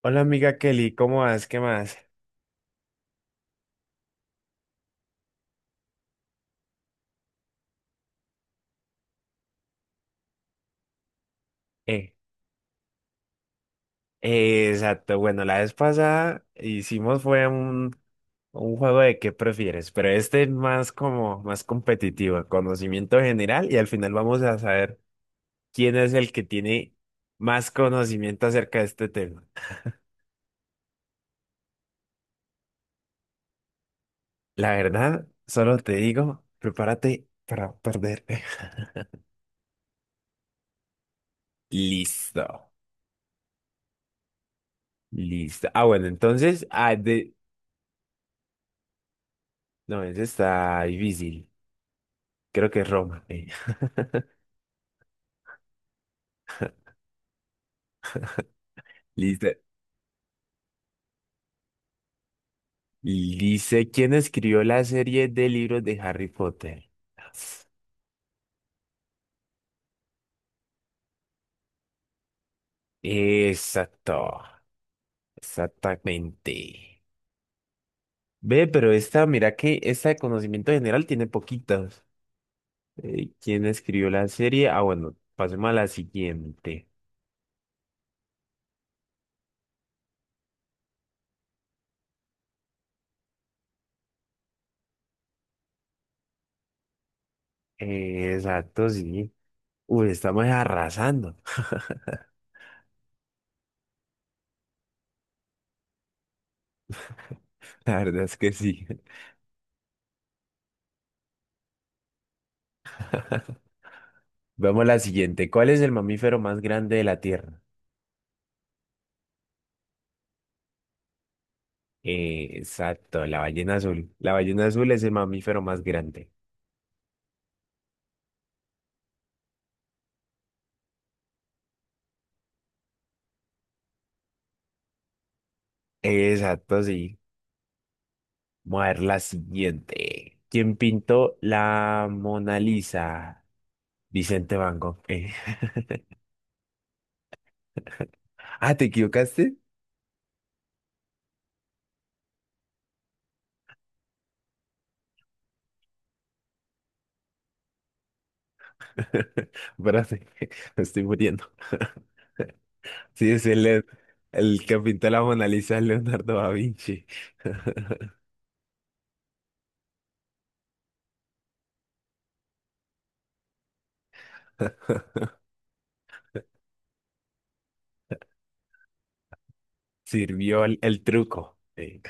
Hola amiga Kelly, ¿cómo vas? ¿Qué más? Eh, exacto, bueno, la vez pasada hicimos fue un juego de qué prefieres, pero este es más como más competitivo, conocimiento general y al final vamos a saber quién es el que tiene más conocimiento acerca de este tema. La verdad, solo te digo, prepárate para perder. Listo, listo. Ah, bueno, entonces. No, ese está difícil, creo que es Roma. Listo. Dice, ¿quién escribió la serie de libros de Harry Potter? Exacto, exactamente. Ve, pero esta, mira que esta de conocimiento general tiene poquitas. ¿Quién escribió la serie? Ah, bueno, pasemos a la siguiente. Exacto, sí. Uy, estamos arrasando. La verdad es que sí. Vamos a la siguiente. ¿Cuál es el mamífero más grande de la Tierra? Exacto, la ballena azul. La ballena azul es el mamífero más grande. Exacto, sí. Vamos a ver la siguiente. ¿Quién pintó la Mona Lisa? Vicente Van Gogh. Ah, ¿te equivocaste? Espérate, me estoy muriendo. Sí, es el que pintó la Mona Lisa, es Leonardo da Vinci. Sirvió el truco.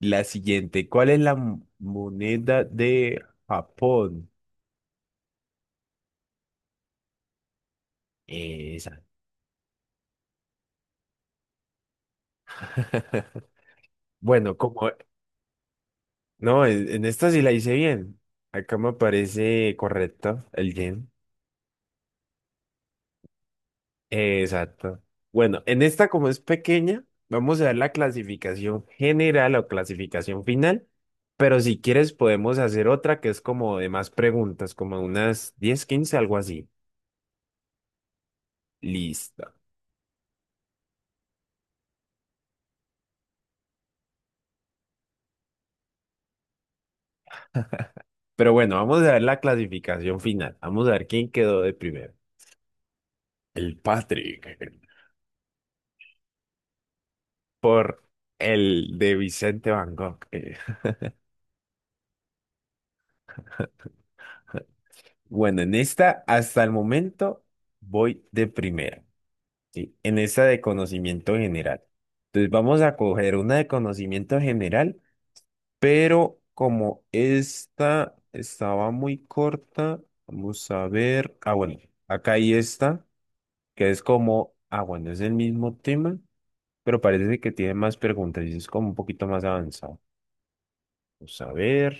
La siguiente. ¿Cuál es la moneda de Japón? Esa. Bueno, como No, en esta sí la hice bien. Acá me parece correcto el yen. Exacto. Bueno, en esta como es pequeña, vamos a dar la clasificación general o clasificación final, pero si quieres podemos hacer otra que es como de más preguntas, como unas 10, 15, algo así. Listo. Pero bueno, vamos a ver la clasificación final. Vamos a ver quién quedó de primero. El Patrick. Por el de Vicente Van Gogh. Bueno, en esta, hasta el momento, voy de primera, ¿sí? En esta de conocimiento general. Entonces, vamos a coger una de conocimiento general, pero como esta estaba muy corta, vamos a ver. Ah, bueno, acá hay esta, que es como, bueno, es el mismo tema, pero parece que tiene más preguntas y es como un poquito más avanzado. Vamos a ver.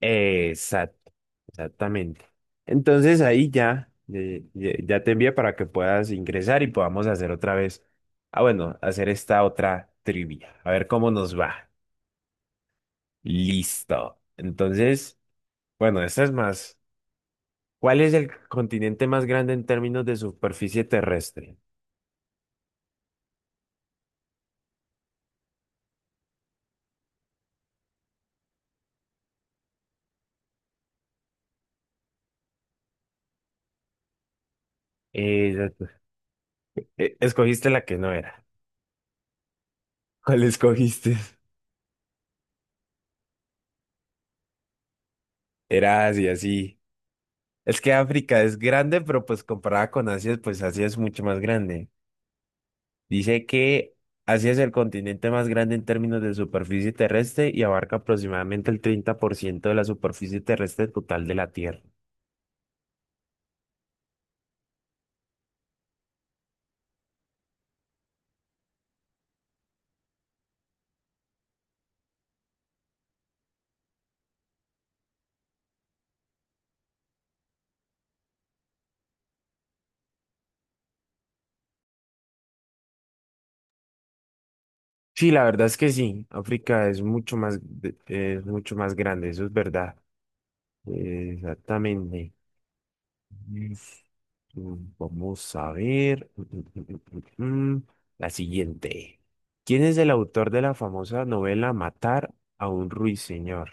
Exacto, exactamente. Entonces ahí ya te envía para que puedas ingresar y podamos hacer otra vez. Ah, bueno, hacer esta otra trivia. A ver cómo nos va. Listo. Entonces, bueno, esta es más. ¿Cuál es el continente más grande en términos de superficie terrestre? Exacto. Escogiste la que no era. ¿Cuál escogiste? Era Asia, sí. Es que África es grande, pero pues comparada con Asia, pues Asia es mucho más grande. Dice que Asia es el continente más grande en términos de superficie terrestre y abarca aproximadamente el 30% de la superficie terrestre total de la Tierra. Sí, la verdad es que sí, África es mucho más, es mucho más grande, eso es verdad. Exactamente. Mm, Vamos a ver. Mm, mm, mm, mm. La siguiente. ¿Quién es el autor de la famosa novela Matar a un ruiseñor?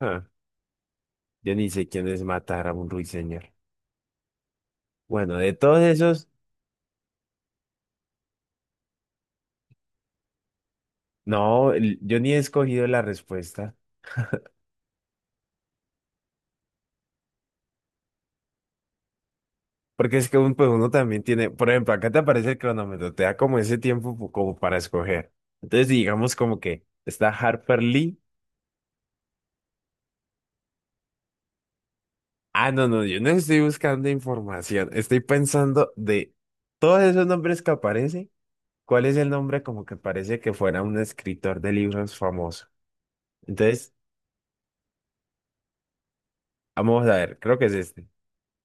Ah, yo ni sé quién es Matar a un ruiseñor. Bueno, de todos esos, no, yo ni he escogido la respuesta. Porque es que pues uno también tiene, por ejemplo, acá te aparece el cronómetro, te da como ese tiempo como para escoger. Entonces, digamos como que está Harper Lee. Ah, no, no, yo no estoy buscando información, estoy pensando de todos esos nombres que aparecen, ¿cuál es el nombre como que parece que fuera un escritor de libros famoso? Entonces, vamos a ver, creo que es este.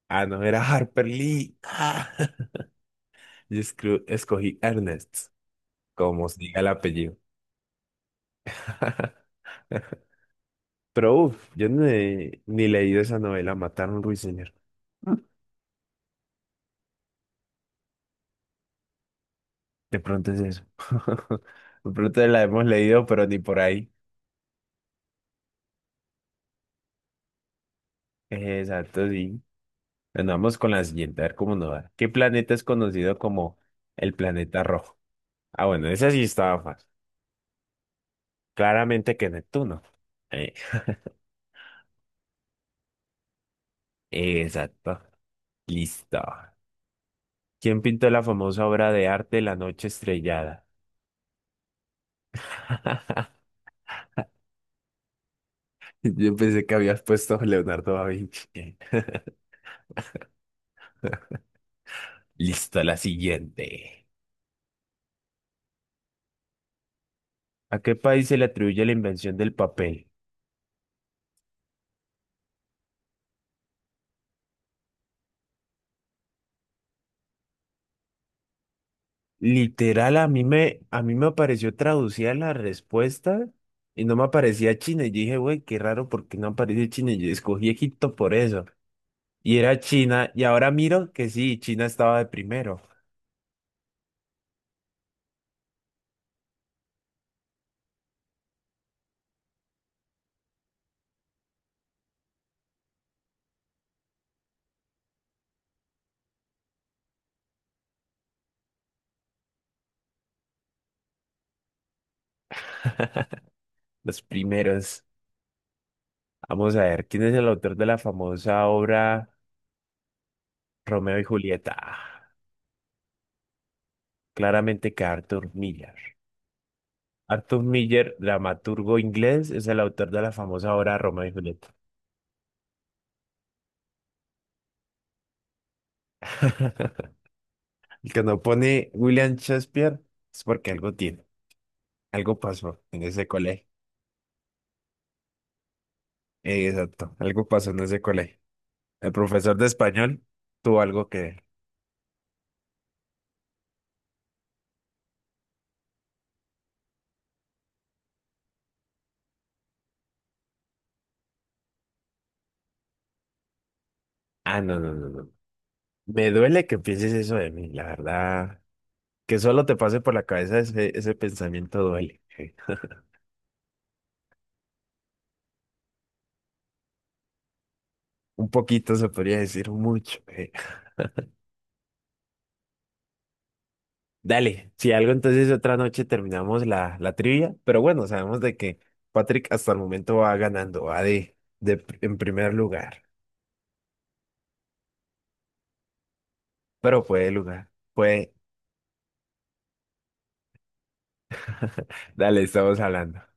Ah, no, era Harper Lee. Ah, yo escogí Ernest. Como se diga el apellido. Pero uff, yo ni leído esa novela, Mataron a un ruiseñor. Mm. De pronto es eso. De pronto la hemos leído, pero ni por ahí. Exacto, sí. Bueno, vamos con la siguiente, a ver cómo nos va. ¿Qué planeta es conocido como el planeta rojo? Ah, bueno, esa sí estaba fácil. Claramente que Neptuno. Eh, exacto. Listo. ¿Quién pintó la famosa obra de arte La Noche Estrellada? Yo pensé que habías puesto Leonardo da Vinci. Listo, la siguiente. ¿A qué país se le atribuye la invención del papel? Literal, a mí me apareció traducida la respuesta y no me aparecía China. Y yo dije, güey, qué raro, ¿porque no aparece China? Y yo escogí Egipto por eso. Y era China, y ahora miro que sí, China estaba de primero. Los primeros. Vamos a ver, ¿quién es el autor de la famosa obra Romeo y Julieta? Claramente que Arthur Miller. Arthur Miller, dramaturgo inglés, es el autor de la famosa obra Romeo y Julieta. El que no pone William Shakespeare es porque algo tiene, algo pasó en ese colegio. Exacto, algo pasó en ese colegio. El profesor de español tuvo algo que ver. Ah, no, no, no, no. Me duele que pienses eso de mí, la verdad. Que solo te pase por la cabeza ese pensamiento duele. Un poquito se podría decir mucho. Dale, si algo entonces otra noche terminamos la trivia, pero bueno, sabemos de que Patrick hasta el momento va ganando, va en primer lugar, pero fue de lugar, fue, dale, estamos hablando.